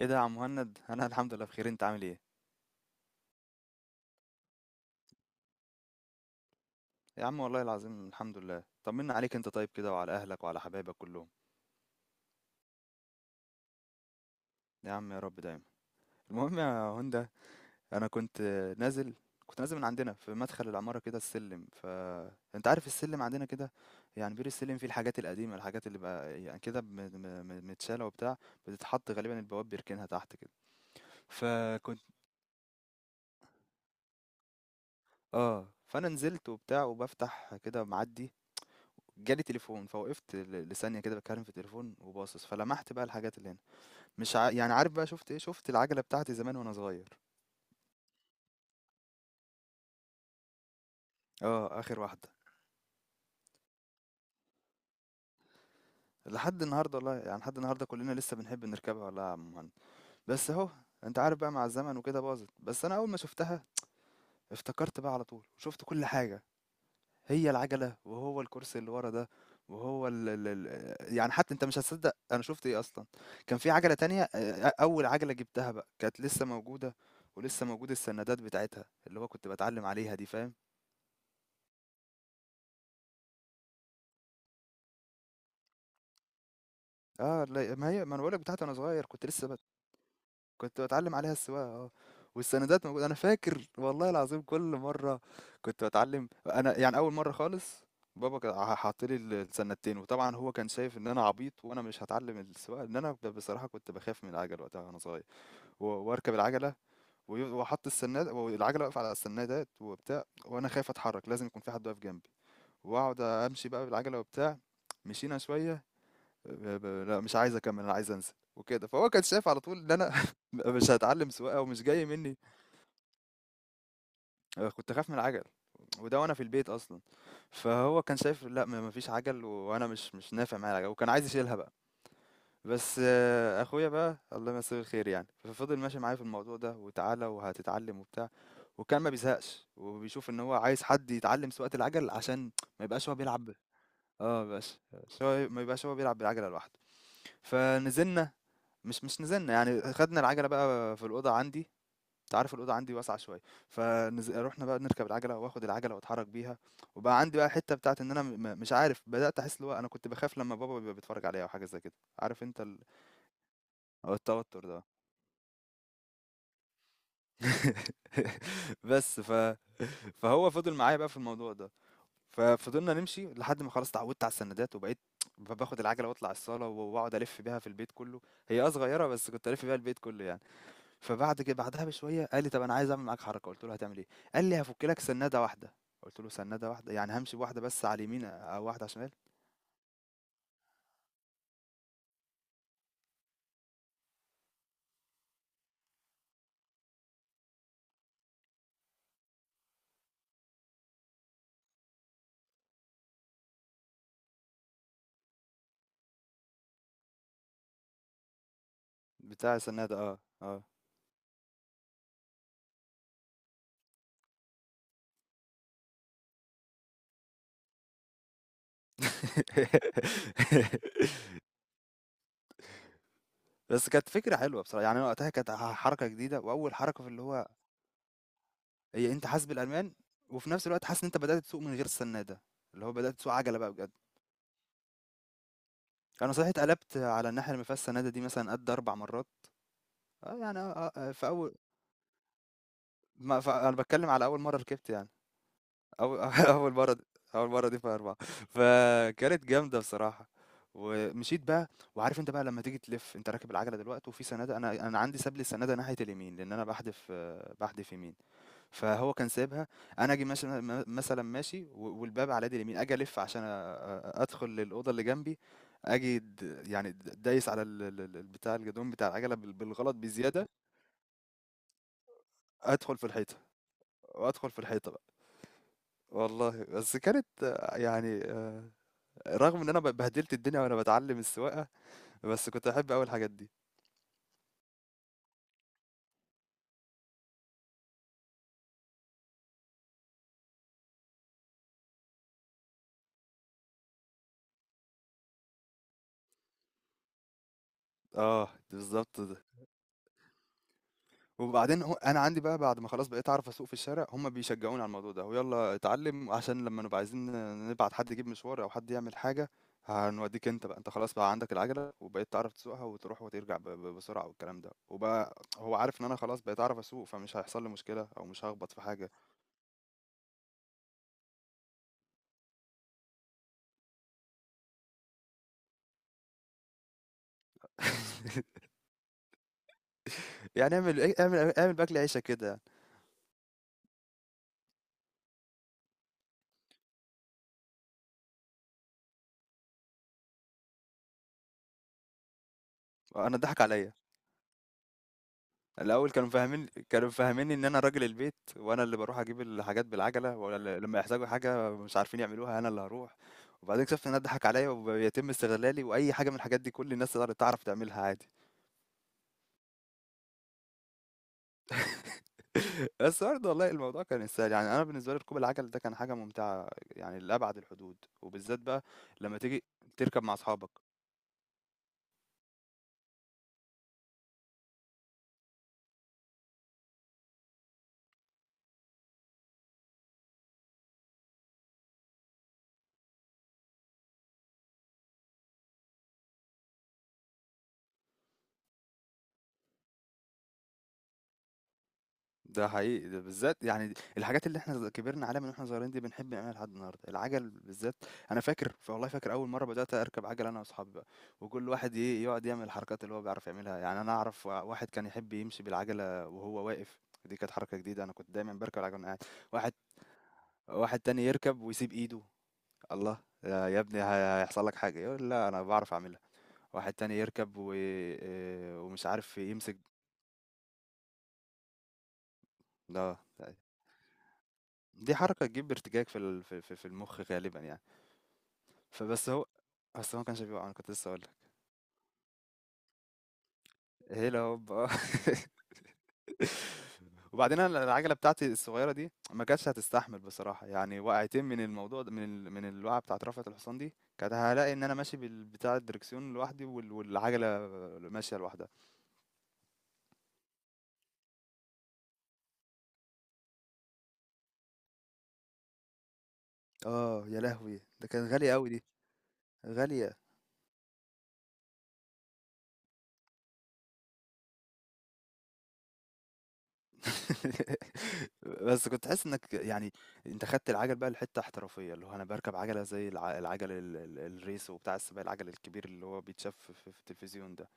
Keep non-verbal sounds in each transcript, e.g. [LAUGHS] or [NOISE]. ايه ده يا عم مهند انا [LAUGHS] الحمد لله بخير، انت عامل ايه؟ يا عم، والله العظيم الحمد لله، طمنا عليك، انت طيب كده وعلى اهلك وعلى حبايبك كلهم. يا عم يا رب دايما. المهم يا هندا، انا كنت نازل كنت نازل من عندنا في مدخل العمارة كده، السلم، فانت عارف السلم عندنا كده. يعني بير السلم فيه الحاجات القديمة، الحاجات اللي بقى يعني كده متشالة وبتاع، بتتحط غالبا البواب بيركنها تحت كده. فكنت اه فانا نزلت وبتاع وبفتح كده معدي، جالي تليفون فوقفت لثانية كده بتكلم في التليفون وباصص، فلمحت بقى الحاجات اللي هنا. مش ع... يعني عارف بقى شفت ايه؟ شفت العجلة بتاعتي زمان وانا صغير. اه اخر واحدة. لحد النهاردة والله، يعني لحد النهاردة كلنا لسه بنحب نركبها والله يا عم مهند. بس اهو انت عارف بقى، مع الزمن وكده باظت، بس انا اول ما شفتها افتكرت بقى على طول وشفت كل حاجة. هي العجلة، وهو الكرسي اللي ورا ده، وهو ال يعني حتى انت مش هتصدق انا شفت ايه اصلا. كان في عجلة تانية، اول عجلة جبتها بقى كانت لسه موجودة، ولسه موجود السندات بتاعتها، اللي هو كنت بتعلم عليها دي، فاهم؟ اه لا، ما هي ما انا بقولك بتاعتي انا صغير كنت لسه كنت باتعلم عليها السواقة، والسندات موجودة، أنا فاكر والله العظيم. كل مرة كنت باتعلم أنا، يعني أول مرة خالص، بابا كان حاط لي السنتين، وطبعا هو كان شايف ان انا عبيط وانا مش هتعلم السواقه. ان انا، بصراحه كنت بخاف من العجل وقتها وانا صغير، واركب العجله واحط السناد والعجله واقفه على السنادات وبتاع، وانا خايف اتحرك، لازم يكون في حد واقف جنبي. واقعد امشي بقى بالعجله وبتاع. مشينا شويه، لا مش عايز اكمل، انا عايز انزل وكده. فهو كان شايف على طول ان انا [LAUGHS] مش هتعلم سواقه ومش جاي مني. آه، كنت اخاف من العجل، وده وانا في البيت اصلا. فهو كان شايف لا، ما فيش عجل وانا مش نافع معايا العجل، وكان عايز يشيلها بقى. بس آه، اخويا بقى الله يمسيه الخير يعني، ففضل ماشي معايا في الموضوع ده، وتعالى وهتتعلم وبتاع، وكان ما بيزهقش، وبيشوف ان هو عايز حد يتعلم سواقة العجل عشان ما يبقاش هو بيلعب اه بس، بس هو ما يبقاش هو بيلعب بالعجلة لوحده. فنزلنا، مش مش نزلنا يعني، خدنا العجلة بقى في الأوضة عندي، انت عارف الأوضة عندي واسعة شوية. فروحنا بقى نركب العجلة، واخد العجلة واتحرك بيها، وبقى عندي بقى حتة بتاعت ان انا مش عارف، بدأت احس اللي هو انا كنت بخاف لما بابا بيبقى بيتفرج عليا او حاجة زي كده. عارف انت هو التوتر ده. [LAUGHS] بس ف فهو فضل معايا بقى في الموضوع ده. ففضلنا نمشي لحد ما خلاص اتعودت على السندات، وبقيت باخد العجلة واطلع الصالة واقعد الف بيها في البيت كله. هي اه صغيرة، بس كنت الف بيها البيت كله يعني. فبعد كده بعدها بشوية قال لي: "طب أنا عايز أعمل معاك حركة." قُلت له: "هتعمل إيه؟" قال لي: "هافُك لك سنّادة واحدة." قُلت له: "سنّادة واحدة؟ يعني هامشي بواحدة بس على اليمين أو واحدة على الشمال؟" بتاع السنّادة، آه، آه. [LAUGHS] بس كانت فكرة حلوة بصراحة، يعني أنا وقتها كانت حركة جديدة وأول حركة في اللي هو هي أنت حاسس بالأمان، وفي نفس الوقت حاسس إن أنت بدأت تسوق من غير السنّادة، اللي هو بدأت تسوق عَجَلة بقى بجد. أنا صحيح اتقلبت على الناحية اللي ما فيهاش سنّادة دي مثلًا قد 4 مرّات، آه، يعني آه، آه، في أول، ما ف أنا باتكلّم على أول مرّة ركبت يعني. أول [LAUGHS] أول مرة دي، أول مرة دي فيها 4، فكانت جامدة بصراحة. ومشيت بقى، وعارف أنت بقى لمّا تيجي تلِف، أنت راكب العجلة دلوقتي وفي سنادة، أنا عندي ساب لي السنادة ناحية اليمين، لإن أنا باحدف، باحدف يمين، فهو كان سايبها. أنا آجي ماشي مثلًا ماشي والباب على يدي اليمين، آجي ألِف عشان أدخل للأوضة اللي جنبي، آجي د يعني د دايس على ال ال ال البتاع، الجدران بتاع العجلة بالغلط بزيادة، أدخل في الحيطة وأدخل في الحيطة بقى. والله بس كانت آه، يعني آه، رغم إن أنا بهدلت الدنيا وأنا باتعلّم السواقة، بس كنت باحب أوي الحاجات دي. آه، بالضبط ده. وبعدين هو أنا عندي بقى بعد ما خلاص بقيت أعرف أسوق في الشارع، هم بيشجعوني على الموضوع ده، ويالّا اتعلّم عشان لمّا نبقى عايزين نبعت حد يجيب مشوار أو حد يعمل حاجة، هنودّيك أنت بقى، أنت خلاص بقى عندك العجلة وبقيت تعرف تسوقها وتروح وترجع ب ب بسرعة والكلام ده. وبقى هو عارف إن أنا خلاص بقيت أعرف أسوق، فمش هيحصل لي مشكلة أو مش هاخبط في حاجة. [LAUGHS] يعني اعمل إيه، اعمل باكل عيشك كده يعني. أنا اتضحك عليّا. الأول كانوا مفهمينّي إن أنا راجل البيت، وأنا اللي باروح أجيب الحاجات بالعجلة، ولا لمّا يحتاجوا حاجة مش عارفين يعملوها أنا اللي هاروح. وبعدين اكتشفت إن أنا اتضحك عليَّ وبيتم استغلالي، وأي حاجة من الحاجات دي كل الناس تقدر تعرف تعملها عادي. [LAUGHS] بس برضه والله الموضوع كان يستاهل، يعني أنا بالنسبة لي ركوب العجل ده كان حاجة ممتعة يعني لأبعد الحدود، وبالذات بقى لمّا تيجي تركب مع أصحابك. ده حقيقي، ده بالذات يعني الحاجات اللي إحنا كبرنا عليها من وإحنا صغيرين دي بنحب نعملها لحد النهارده، العَجَل بالذات. أنا فاكر والله فاكر أول مرّة بدأت أركب عَجَل أنا وأصحابي بقى، وكل واحد إيه، يقعد يعمل الحركات اللي هو بيعرف يعملها، يعني أنا أعرف واحد كان يحب يمشي بالعَجَلة وهو واقف، دي كانت حركة جديدة، أنا كنت دايمًا باركب العَجَلة وأنا قاعد. واحد واحد تاني يركب ويسيب إيده، الله! يا يا ابني هيحصل لك حاجة، يقول لأ أنا باعرف أعملها. واحد تاني يركب و ومش عارف يمسك، آه. دي حركة تجيب ارتجاج في ال في في في المُخ غالبًا يعني. فبس هو أصل هو ما كانش بيوقع، أنا كنت لسه هاقول لك. هيلا هوب، آه. [LAUGHS] وبعدين أنا العجلة بتاعتي الصغيرة دي ما كانتش هتستحمل بصراحة، يعني وقعتين من الموضوع ده، من من الوقعة بتاعة رفعة الحصان دي، كانت هالاقي إن أنا ماشي بتاع الدركسيون لوحدي والعجلة ماشية لوحدها. آه، يا لهوي! ده كانت غالية أوي دي، غالية. [LAUGHS] بس كنت حاسس إنك يعني أنت خدت العجل بقى لحتة احترافية، اللي هو أنا باركب عجلة زي العجل ال ال الRace وبتاع السباق، العجل الكبير اللي هو بيتشاف في التلفزيون ده.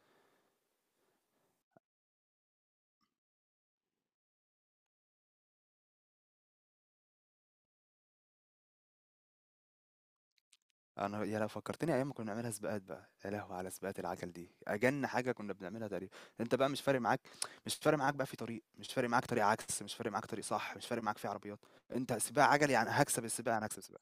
أنا يا لهوي فكّرتني أيام ما كنا بنعملها سباقات بقى، يا لهوي على سباقات العجل دي، أجَن حاجة كنا بنعملها تقريبًا. أنت بقى مش فارق معاك مش فارق معاك بقى في طريق، مش فارق معاك طريق عكس، مش فارق معاك طريق صح، مش فارق معاك في عربيات، أنت سباق عجل يعني، هاكسب السباق، أنا هاكسب السباق.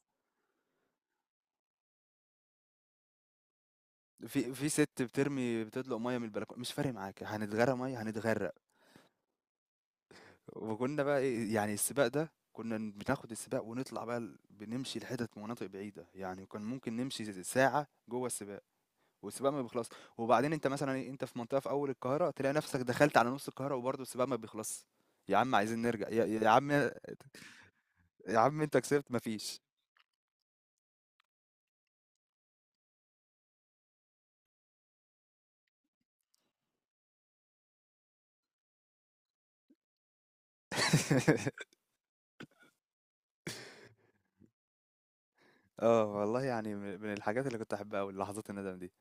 في سِت بترمي بتطلق مَيّة من البلكونة، مش فارق معاك، هنتغرق مَيّة، هنتغرق. وكنا بقى إيه يعني، السباق ده كنا بناخد السباق ونطلع بقى بنمشي لحتت مناطق بعيدة، يعني كان ممكن نمشي ساعة جوه السباق، والسباق ما بيخلص. وبعدين انت مثلا إيه، انت في منطقة في اول القاهرة تلاقي نفسك دخلت على نص القاهرة وبرضه السباق ما بيخلص. يا عم عايزين نرجع يا عم، يا عم انت كسبت، مفيش. [LAUGHS] اه والله يعني من الحاجات اللي كنت احبها قوي لحظات الندم دي،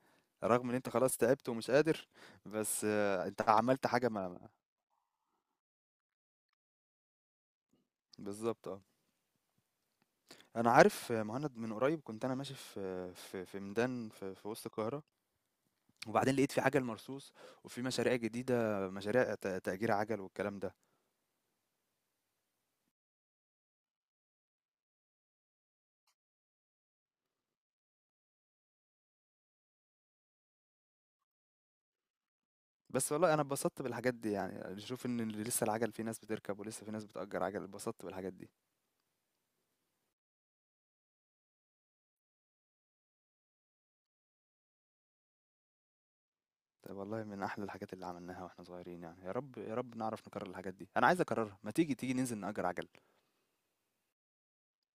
رغم ان انت خلاص تعبت ومش قادر، بس آه، انت عملت حاجة، بالظبط اه. أنا عارف آه، مهند من قريب كنت أنا ماشي في ميدان في وسط القاهرة، وبعدين لقيت في عجل مرصوص، وفي مشاريع جديدة، مشاريع تأجير عجل والكلام ده. بس والله أنا اتبسطت بالحاجات دي، يعني نشوف إن اللي لسه العجل في ناس بتركب ولسه في ناس بتأجر عجل، اتبسطت بالحاجات دي. طب والله من أحلى الحاجات اللي عملناها وإحنا صغيرين، يعني يا رب يا رب نعرف نكرر الحاجات دي، أنا عايز أكررها، ما تيجي تيجي ننزل نأجر عجل.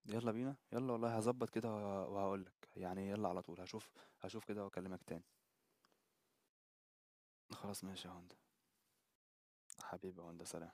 يلا بينا، يلا والله هظبط كده وهقولك، يعني يلا على طول هشوف. هشوف كده وأكلمك تاني. خلاص ماشي يا هوندا، حبيبي يا هوندا، سلام.